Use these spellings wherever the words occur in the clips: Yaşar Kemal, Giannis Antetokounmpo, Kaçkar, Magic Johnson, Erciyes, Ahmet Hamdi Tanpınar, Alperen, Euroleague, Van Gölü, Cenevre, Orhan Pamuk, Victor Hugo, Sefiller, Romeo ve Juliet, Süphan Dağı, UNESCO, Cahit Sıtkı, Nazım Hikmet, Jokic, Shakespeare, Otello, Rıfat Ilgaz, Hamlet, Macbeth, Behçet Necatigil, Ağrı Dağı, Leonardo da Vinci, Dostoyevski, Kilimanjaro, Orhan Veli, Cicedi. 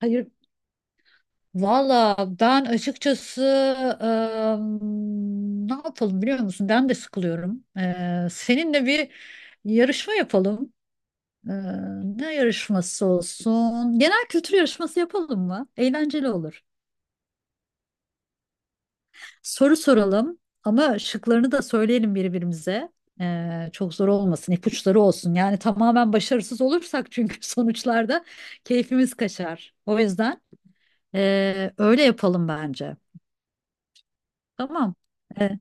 Hayır, valla ben açıkçası ne yapalım biliyor musun? Ben de sıkılıyorum. Seninle bir yarışma yapalım. Eee, Ne yarışması olsun? Genel kültür yarışması yapalım mı? Eğlenceli olur. Soru soralım ama şıklarını da söyleyelim birbirimize. Çok zor olmasın, ipuçları olsun. Yani tamamen başarısız olursak çünkü sonuçlarda keyfimiz kaçar. O yüzden öyle yapalım bence. Tamam. E,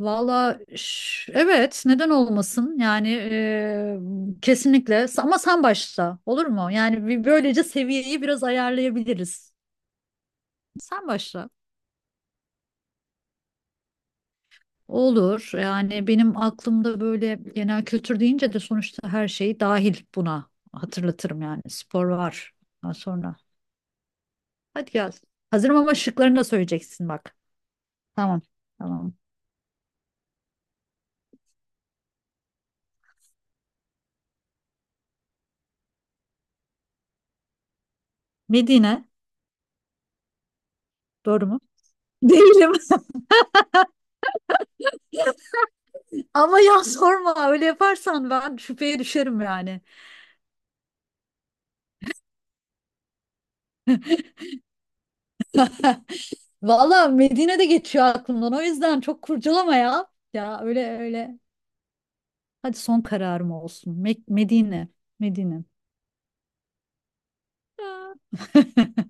Valla evet, neden olmasın yani, kesinlikle ama sen başla, olur mu? Yani böylece seviyeyi biraz ayarlayabiliriz. Sen başla. Olur. Yani benim aklımda böyle genel kültür deyince de sonuçta her şey dahil buna, hatırlatırım yani spor var daha sonra. Hadi gel. Hazırım ama şıklarını da söyleyeceksin bak. Tamam tamam. Medine, doğru mu? Değilim. Ama ya sorma, öyle yaparsan ben şüpheye düşerim yani. Valla Medine de geçiyor aklımdan, o yüzden çok kurcalama ya. Ya, öyle öyle. Hadi, son kararım olsun. Medine. Medine. Ya.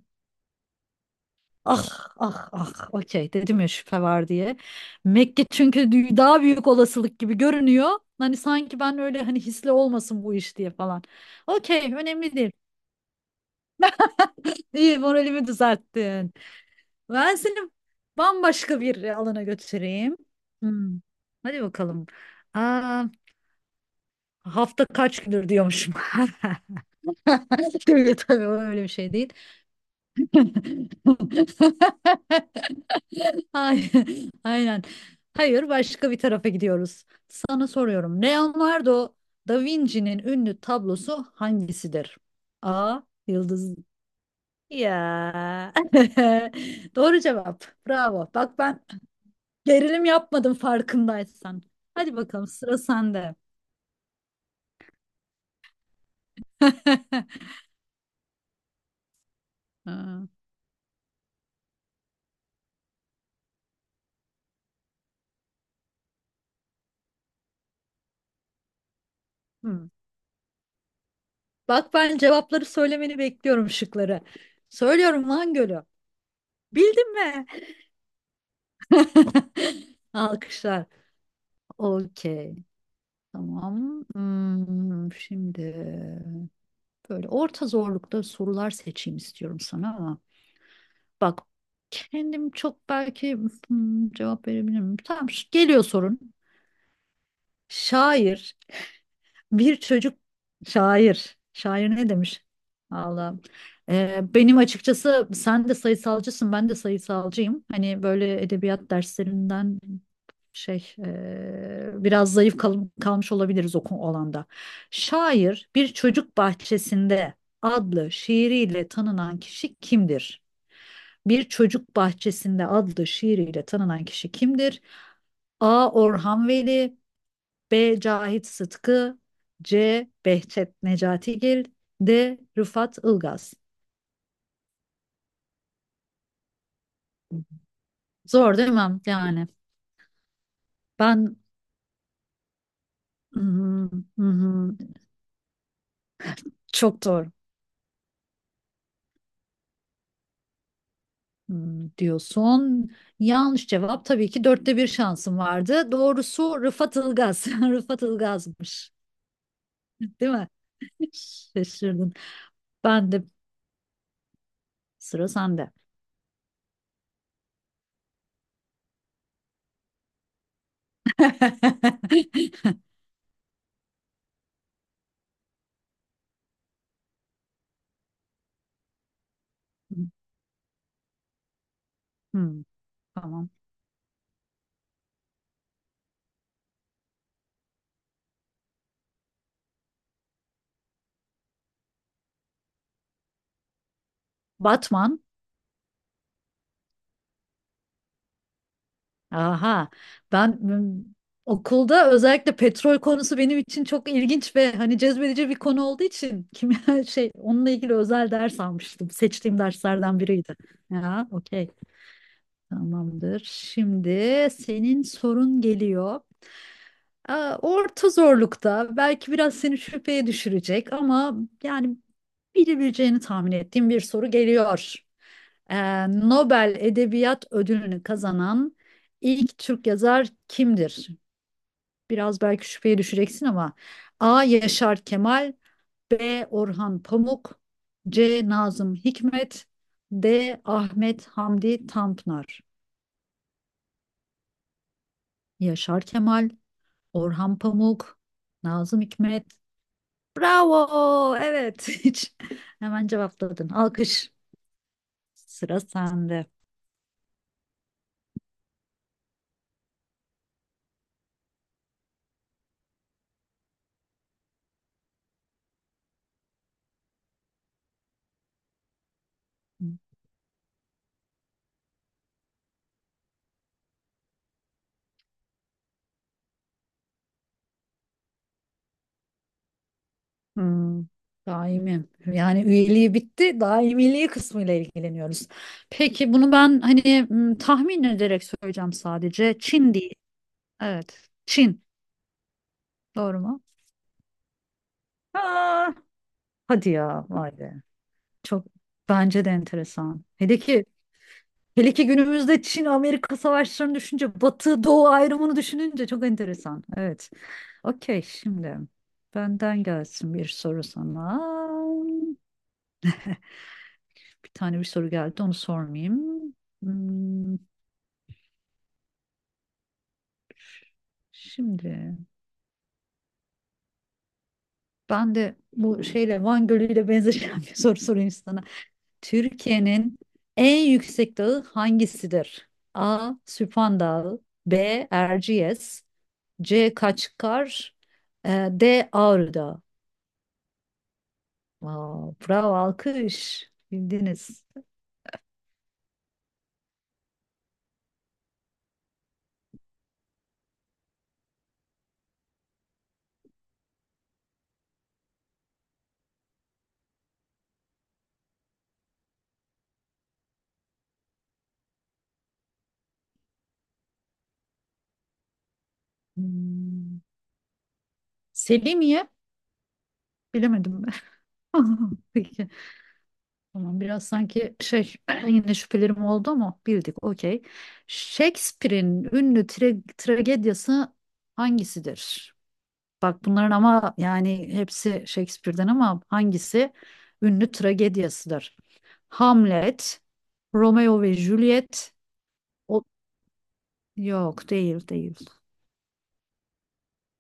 Ah ah, okey, dedim ya şüphe var diye. Mekke çünkü daha büyük olasılık gibi görünüyor. Hani sanki ben öyle, hani hisli olmasın bu iş diye falan. Okey, önemli değil. İyi, moralimi düzelttin. Ben seni bambaşka bir alana götüreyim. Hmm. Hadi bakalım. Aa, hafta kaç gündür diyormuşum. Değil tabii, o öyle bir şey değil. Ay, aynen. Hayır, başka bir tarafa gidiyoruz. Sana soruyorum. Leonardo da Vinci'nin ünlü tablosu hangisidir? A. Yıldız. Ya. Doğru cevap. Bravo. Bak ben, gerilim yapmadım farkındaysan. Hadi bakalım, sıra sende. Ha, hmm. Bak, ben cevapları söylemeni bekliyorum, şıkları. Söylüyorum, Van Gölü. Bildin mi? Alkışlar. Okey. Tamam. Hmm, şimdi böyle orta zorlukta sorular seçeyim istiyorum sana, ama bak, kendim çok belki, hmm, cevap verebilirim. Tamam, geliyor sorun. Şair, bir çocuk şair. Şair ne demiş? Allah. Benim açıkçası, sen de sayısalcısın, ben de sayısalcıyım. Hani böyle edebiyat derslerinden şey biraz zayıf kalmış olabiliriz o alanda. Şair, bir çocuk bahçesinde adlı şiiriyle tanınan kişi kimdir? Bir çocuk bahçesinde adlı şiiriyle tanınan kişi kimdir? A. Orhan Veli, B. Cahit Sıtkı, C. Behçet Necatigil, D. Rıfat Ilgaz. Zor değil mi? Yani ben, hı hı, hı hı, çok zor. Hı, diyorsun. Yanlış cevap tabii ki, dörtte bir şansım vardı. Doğrusu Rıfat Ilgaz. Rıfat Ilgaz'mış. Değil mi? Şaşırdın. Ben de, sıra sende. Hmm, tamam. Batman. Aha, ben m, okulda özellikle petrol konusu benim için çok ilginç ve hani cezbedici bir konu olduğu için kimya şey, onunla ilgili özel ders almıştım. Seçtiğim derslerden biriydi. Ya, okey. Tamamdır. Şimdi senin sorun geliyor. Aa, orta zorlukta, belki biraz seni şüpheye düşürecek ama yani bilebileceğini tahmin ettiğim bir soru geliyor. Nobel Edebiyat Ödülünü kazanan ilk Türk yazar kimdir? Biraz belki şüpheye düşeceksin ama, A. Yaşar Kemal, B. Orhan Pamuk, C. Nazım Hikmet, D. Ahmet Hamdi Tanpınar. Yaşar Kemal, Orhan Pamuk, Nazım Hikmet, bravo. Evet. Hiç, hemen cevapladın. Alkış. Sıra sende. Hmm, daimim. Yani üyeliği bitti. Daimiliği kısmıyla ilgileniyoruz. Peki, bunu ben hani, hmm, tahmin ederek söyleyeceğim sadece. Çin değil. Evet. Çin. Doğru mu? Aa, hadi ya. Vay be. Çok, bence de enteresan. Hele ki günümüzde Çin Amerika savaşlarını düşünce, Batı Doğu ayrımını düşününce çok enteresan. Evet. Okey, şimdi benden gelsin bir soru sana. Bir tane bir soru geldi, onu sormayayım. Hmm, şimdi ben de bu şeyle, Van Gölü ile benzeşen bir soru sorayım sana. Türkiye'nin en yüksek dağı hangisidir? A. Süphan Dağı, B. Erciyes, C. Kaçkar, D. Ağrı Dağı. Wow, bravo, alkış, bildiniz. Hmm, Selimiye bilemedim. Peki. Tamam, biraz sanki şey yine şüphelerim oldu ama bildik, okey. Shakespeare'in ünlü tragediyası hangisidir? Bak, bunların ama yani hepsi Shakespeare'den ama hangisi ünlü tragediyasıdır? Hamlet, Romeo ve Juliet, o, yok, değil.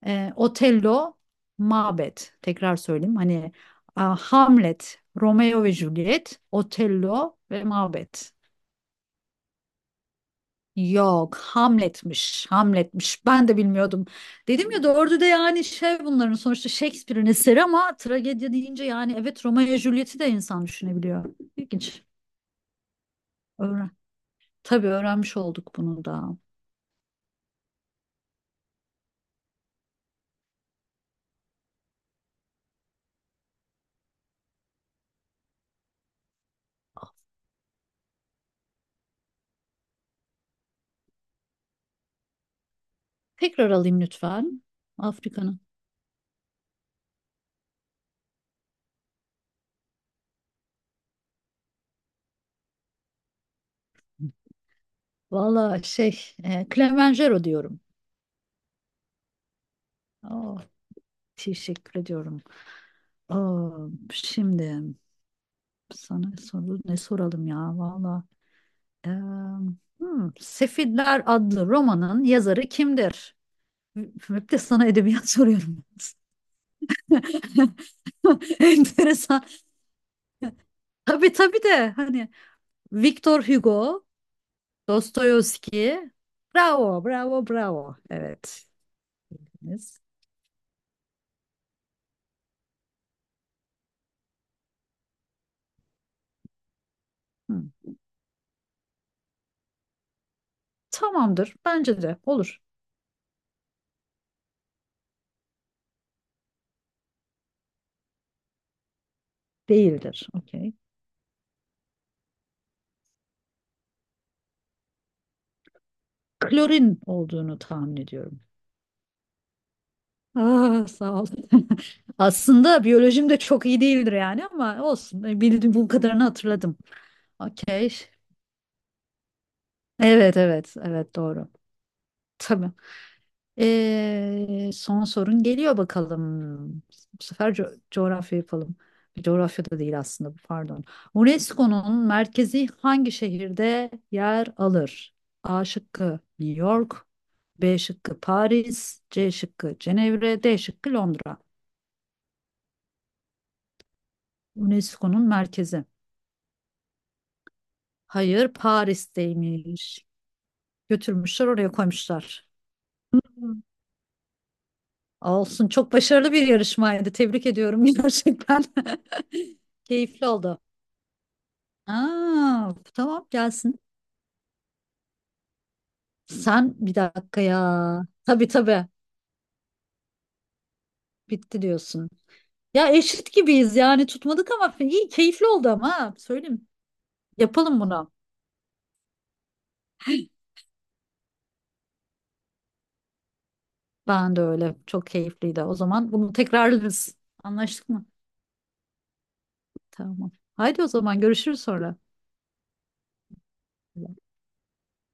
Otello, Macbeth. Tekrar söyleyeyim hani, a, Hamlet, Romeo ve Juliet, Otello ve Macbeth. Yok, Hamlet'miş. Ben de bilmiyordum. Dedim ya doğru da yani şey, bunların sonuçta Shakespeare'in eseri ama tragedya deyince yani, evet, Romeo ve Juliet'i de insan düşünebiliyor. İlginç. Öğren, tabii öğrenmiş olduk bunu da. Tekrar alayım lütfen. Afrika'nın. Valla şey, e, Kilimanjaro diyorum. Oh, teşekkür ediyorum. Oh, şimdi sana soru ne soralım ya valla. Hmm, Sefiller adlı romanın yazarı kimdir? Hep de sana edebiyat soruyorum. Enteresan. Tabii de hani, Victor Hugo, Dostoyevski. Bravo. Evet. Hmm, tamamdır. Bence de olur. Değildir. Okey. Klorin olduğunu tahmin ediyorum. Aa, sağ ol. Aslında biyolojim de çok iyi değildir yani ama olsun. Bildiğim bu kadarını hatırladım. Okey. Evet, doğru. Tabii. Son sorun geliyor bakalım. Bu sefer coğrafya yapalım. Coğrafya da değil aslında bu, pardon. UNESCO'nun merkezi hangi şehirde yer alır? A şıkkı New York, B şıkkı Paris, C şıkkı Cenevre, D şıkkı Londra. UNESCO'nun merkezi. Hayır, Paris'teymiş. Götürmüşler oraya koymuşlar. Olsun. Çok başarılı bir yarışmaydı. Tebrik ediyorum gerçekten. Keyifli oldu. Aa, tamam, gelsin. Sen bir dakika ya. Tabii tabii. Bitti diyorsun. Ya, eşit gibiyiz yani, tutmadık ama iyi, keyifli oldu ama, ha, söyleyeyim. Yapalım bunu. Ben de öyle. Çok keyifliydi. O zaman bunu tekrarlarız. Anlaştık mı? Tamam. Haydi, o zaman görüşürüz sonra.